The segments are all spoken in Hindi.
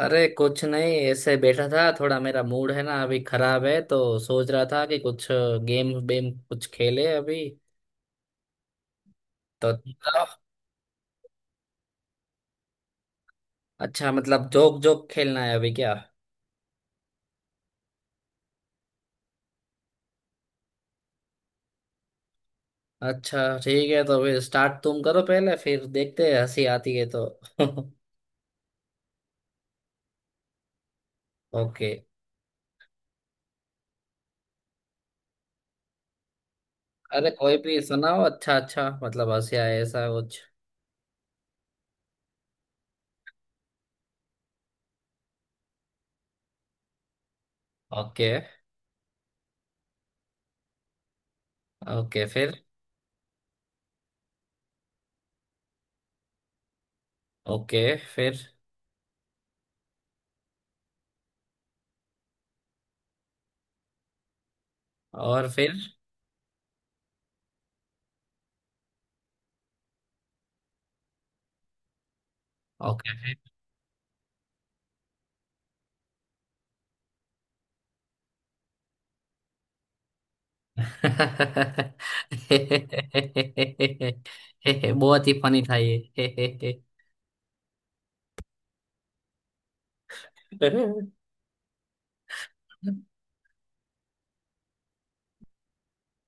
अरे कुछ नहीं, ऐसे बैठा था। थोड़ा मेरा मूड है ना अभी खराब है, तो सोच रहा था कि कुछ गेम बेम कुछ खेले अभी। तो अच्छा, मतलब जोक जोक खेलना है अभी क्या? अच्छा ठीक है, तो फिर स्टार्ट तुम करो पहले, फिर देखते हैं हंसी आती है तो। ओके। अरे कोई भी सुनाओ, अच्छा अच्छा, मतलब हंसी आए ऐसा कुछ। ओके। ओके फिर। ओके फिर। और फिर? ओके। बहुत ही फनी था ये।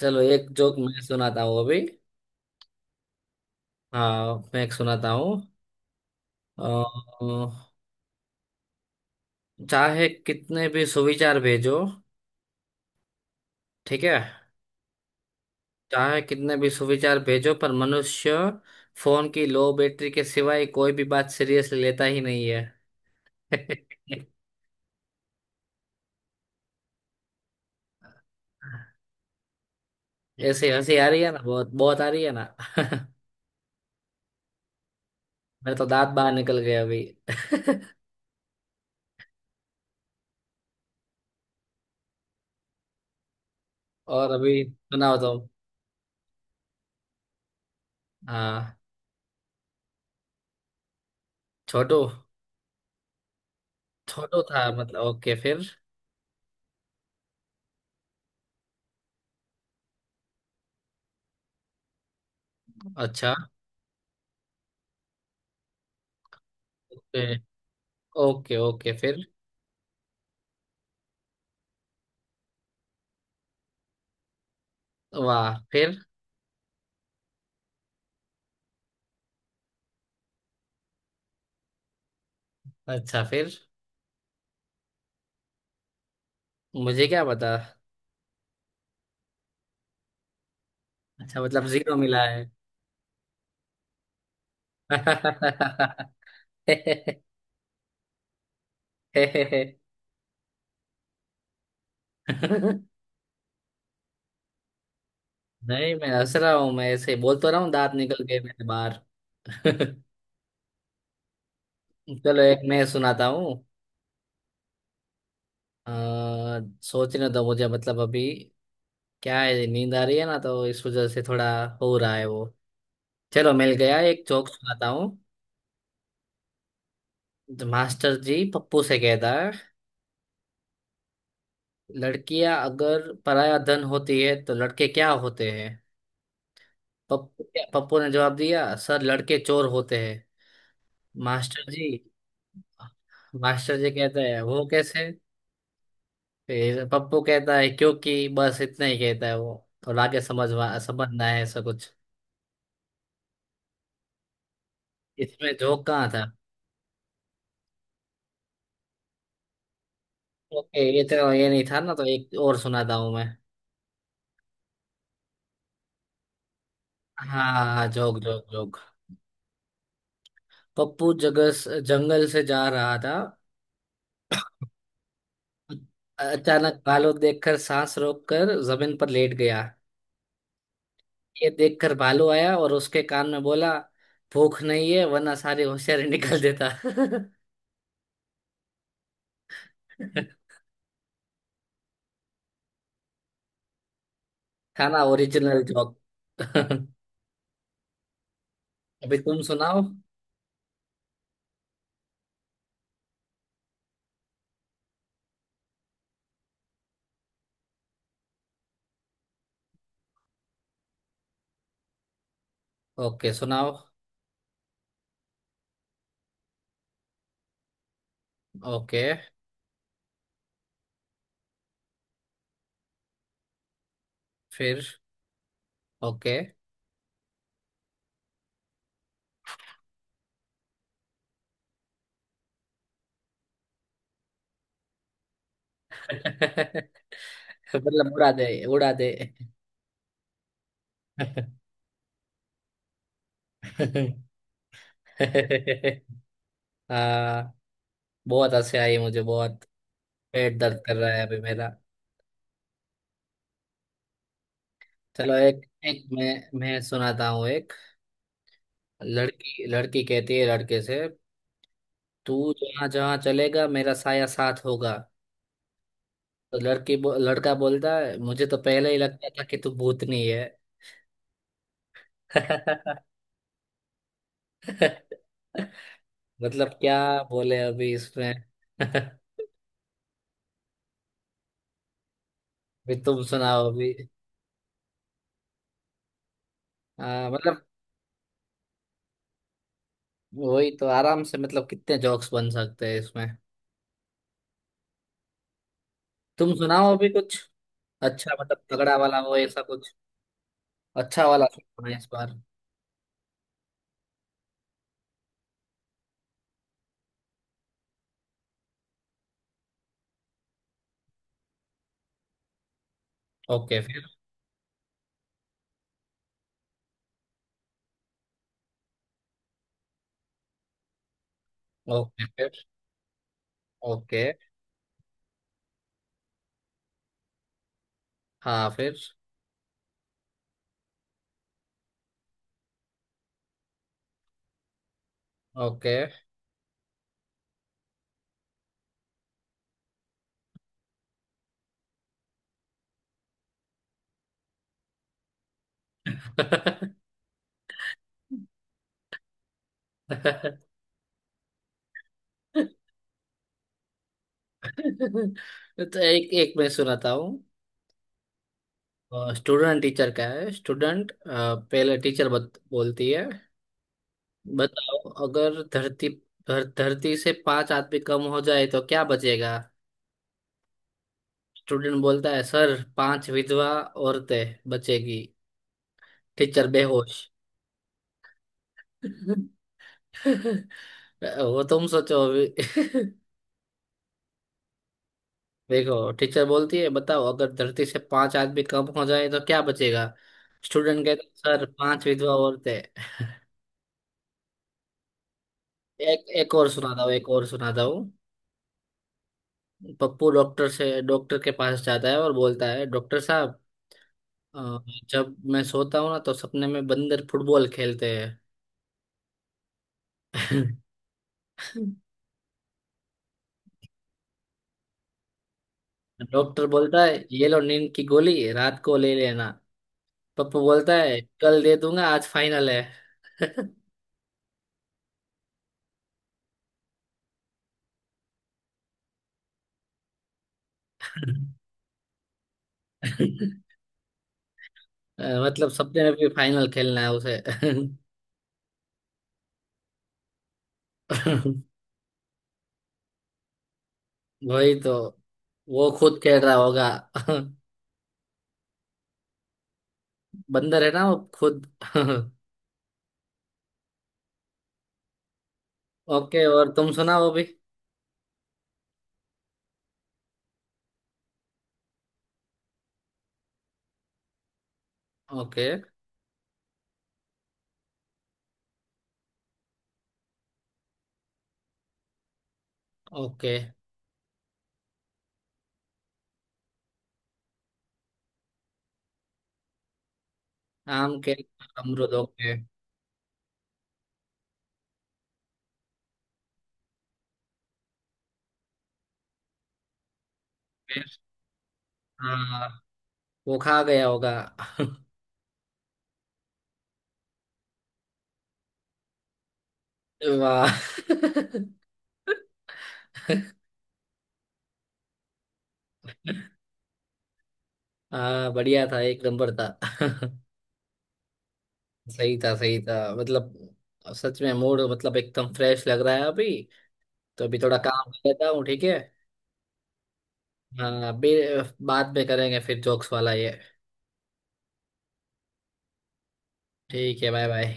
चलो एक जोक मैं सुनाता हूँ अभी। हाँ मैं एक सुनाता हूँ। अ, चाहे कितने भी सुविचार भेजो। ठीक है। चाहे कितने भी सुविचार भेजो पर मनुष्य फोन की लो बैटरी के सिवाय कोई भी बात सीरियसली लेता ही नहीं है। ऐसे हंसी आ रही है ना, बहुत बहुत आ रही है ना। मेरे तो दांत बाहर निकल गए अभी। और अभी सुनाओ तुम। हाँ। छोटू। छोटू था मतलब, ओके फिर। अच्छा। ओके। ओके ओके फिर। वाह, फिर? अच्छा, फिर? मुझे क्या पता। अच्छा, मतलब जीरो मिला है। नहीं, मैं हंस रहा हूँ। मैं ऐसे बोल तो रहा हूँ दांत निकल गए मेरे बाहर। चलो एक मैं सुनाता हूँ। अ, सोचने दो मुझे, मतलब अभी क्या है, नींद आ रही है ना, तो इस वजह से थोड़ा हो रहा है वो। चलो मिल गया, एक जोक सुनाता हूँ। तो मास्टर जी पप्पू से कहता है, लड़कियां अगर पराया धन होती है तो लड़के क्या होते हैं? पप्पू। पप्पू ने जवाब दिया सर लड़के चोर होते हैं। मास्टर जी। मास्टर जी कहता है वो कैसे? फिर पप्पू कहता है क्योंकि, बस इतना ही कहता है वो। और आगे समझवा समझना है ऐसा कुछ। इसमें जोक कहाँ था? ओके, ये तो ये नहीं था ना, तो एक और सुनाता हूँ मैं। हाँ हाँ, जोक जोक जोक। पप्पू जगह जंगल से जा रहा था, अचानक भालू देखकर सांस रोककर जमीन पर लेट गया। ये देखकर भालू आया और उसके कान में बोला, भूख नहीं है वरना सारी होशियारी निकाल देता। था ना ओरिजिनल जोक? अभी तुम सुनाओ। ओके सुनाओ। ओके फिर। ओके। मतलब उड़ा दे उड़ा दे। हाँ, बहुत हंसी आई मुझे, बहुत। पेट दर्द कर रहा है अभी मेरा। चलो एक एक मैं सुनाता हूँ एक। लड़की लड़की कहती है लड़के से, तू जहाँ जहाँ चलेगा मेरा साया साथ होगा। तो लड़का बोलता है, मुझे तो पहले ही लगता था कि तू भूतनी है। मतलब क्या बोले अभी इसमें? अभी तुम सुनाओ अभी। मतलब, वही तो आराम से मतलब कितने जोक्स बन सकते हैं इसमें। तुम सुनाओ अभी कुछ अच्छा, मतलब तगड़ा वाला हो ऐसा। अच्छा वाला सुनना है इस बार। ओके फिर। ओके फिर। ओके। हाँ फिर। ओके। तो एक एक मैं सुनाता हूँ। स्टूडेंट टीचर का है। स्टूडेंट पहले, टीचर बोलती है, बताओ अगर धरती धर, धरती से पांच आदमी कम हो जाए तो क्या बचेगा? स्टूडेंट बोलता है सर पांच विधवा औरतें बचेगी। टीचर बेहोश। वो तुम सोचो अभी। देखो, टीचर बोलती है बताओ अगर धरती से पांच आदमी कम हो जाए तो क्या बचेगा? स्टूडेंट कहते सर पांच विधवा औरतें। एक एक और सुनाता हूँ, एक और सुनाता हूँ। पप्पू डॉक्टर के पास जाता है और बोलता है डॉक्टर साहब, अ, जब मैं सोता हूँ ना तो सपने में बंदर फुटबॉल खेलते हैं। डॉक्टर बोलता है ये लो नींद की गोली रात को ले लेना। पप्पू बोलता है कल दे दूंगा आज फाइनल है। मतलब सपने में भी फाइनल खेलना है उसे। वही तो, वो खुद खेल रहा होगा। बंदर है ना वो खुद। ओके और तुम सुना वो भी। ओके। ओके। आम के, अमरूद। ओके फिर। हाँ। वो खा गया होगा। वाह। हाँ, बढ़िया था, एक नंबर था। सही था सही था, मतलब सच में मूड, मतलब एकदम फ्रेश लग रहा है अभी। तो अभी थोड़ा काम कर लेता हूँ, ठीक है? हाँ, अभी। बाद में करेंगे फिर जोक्स वाला ये। ठीक है, बाय बाय।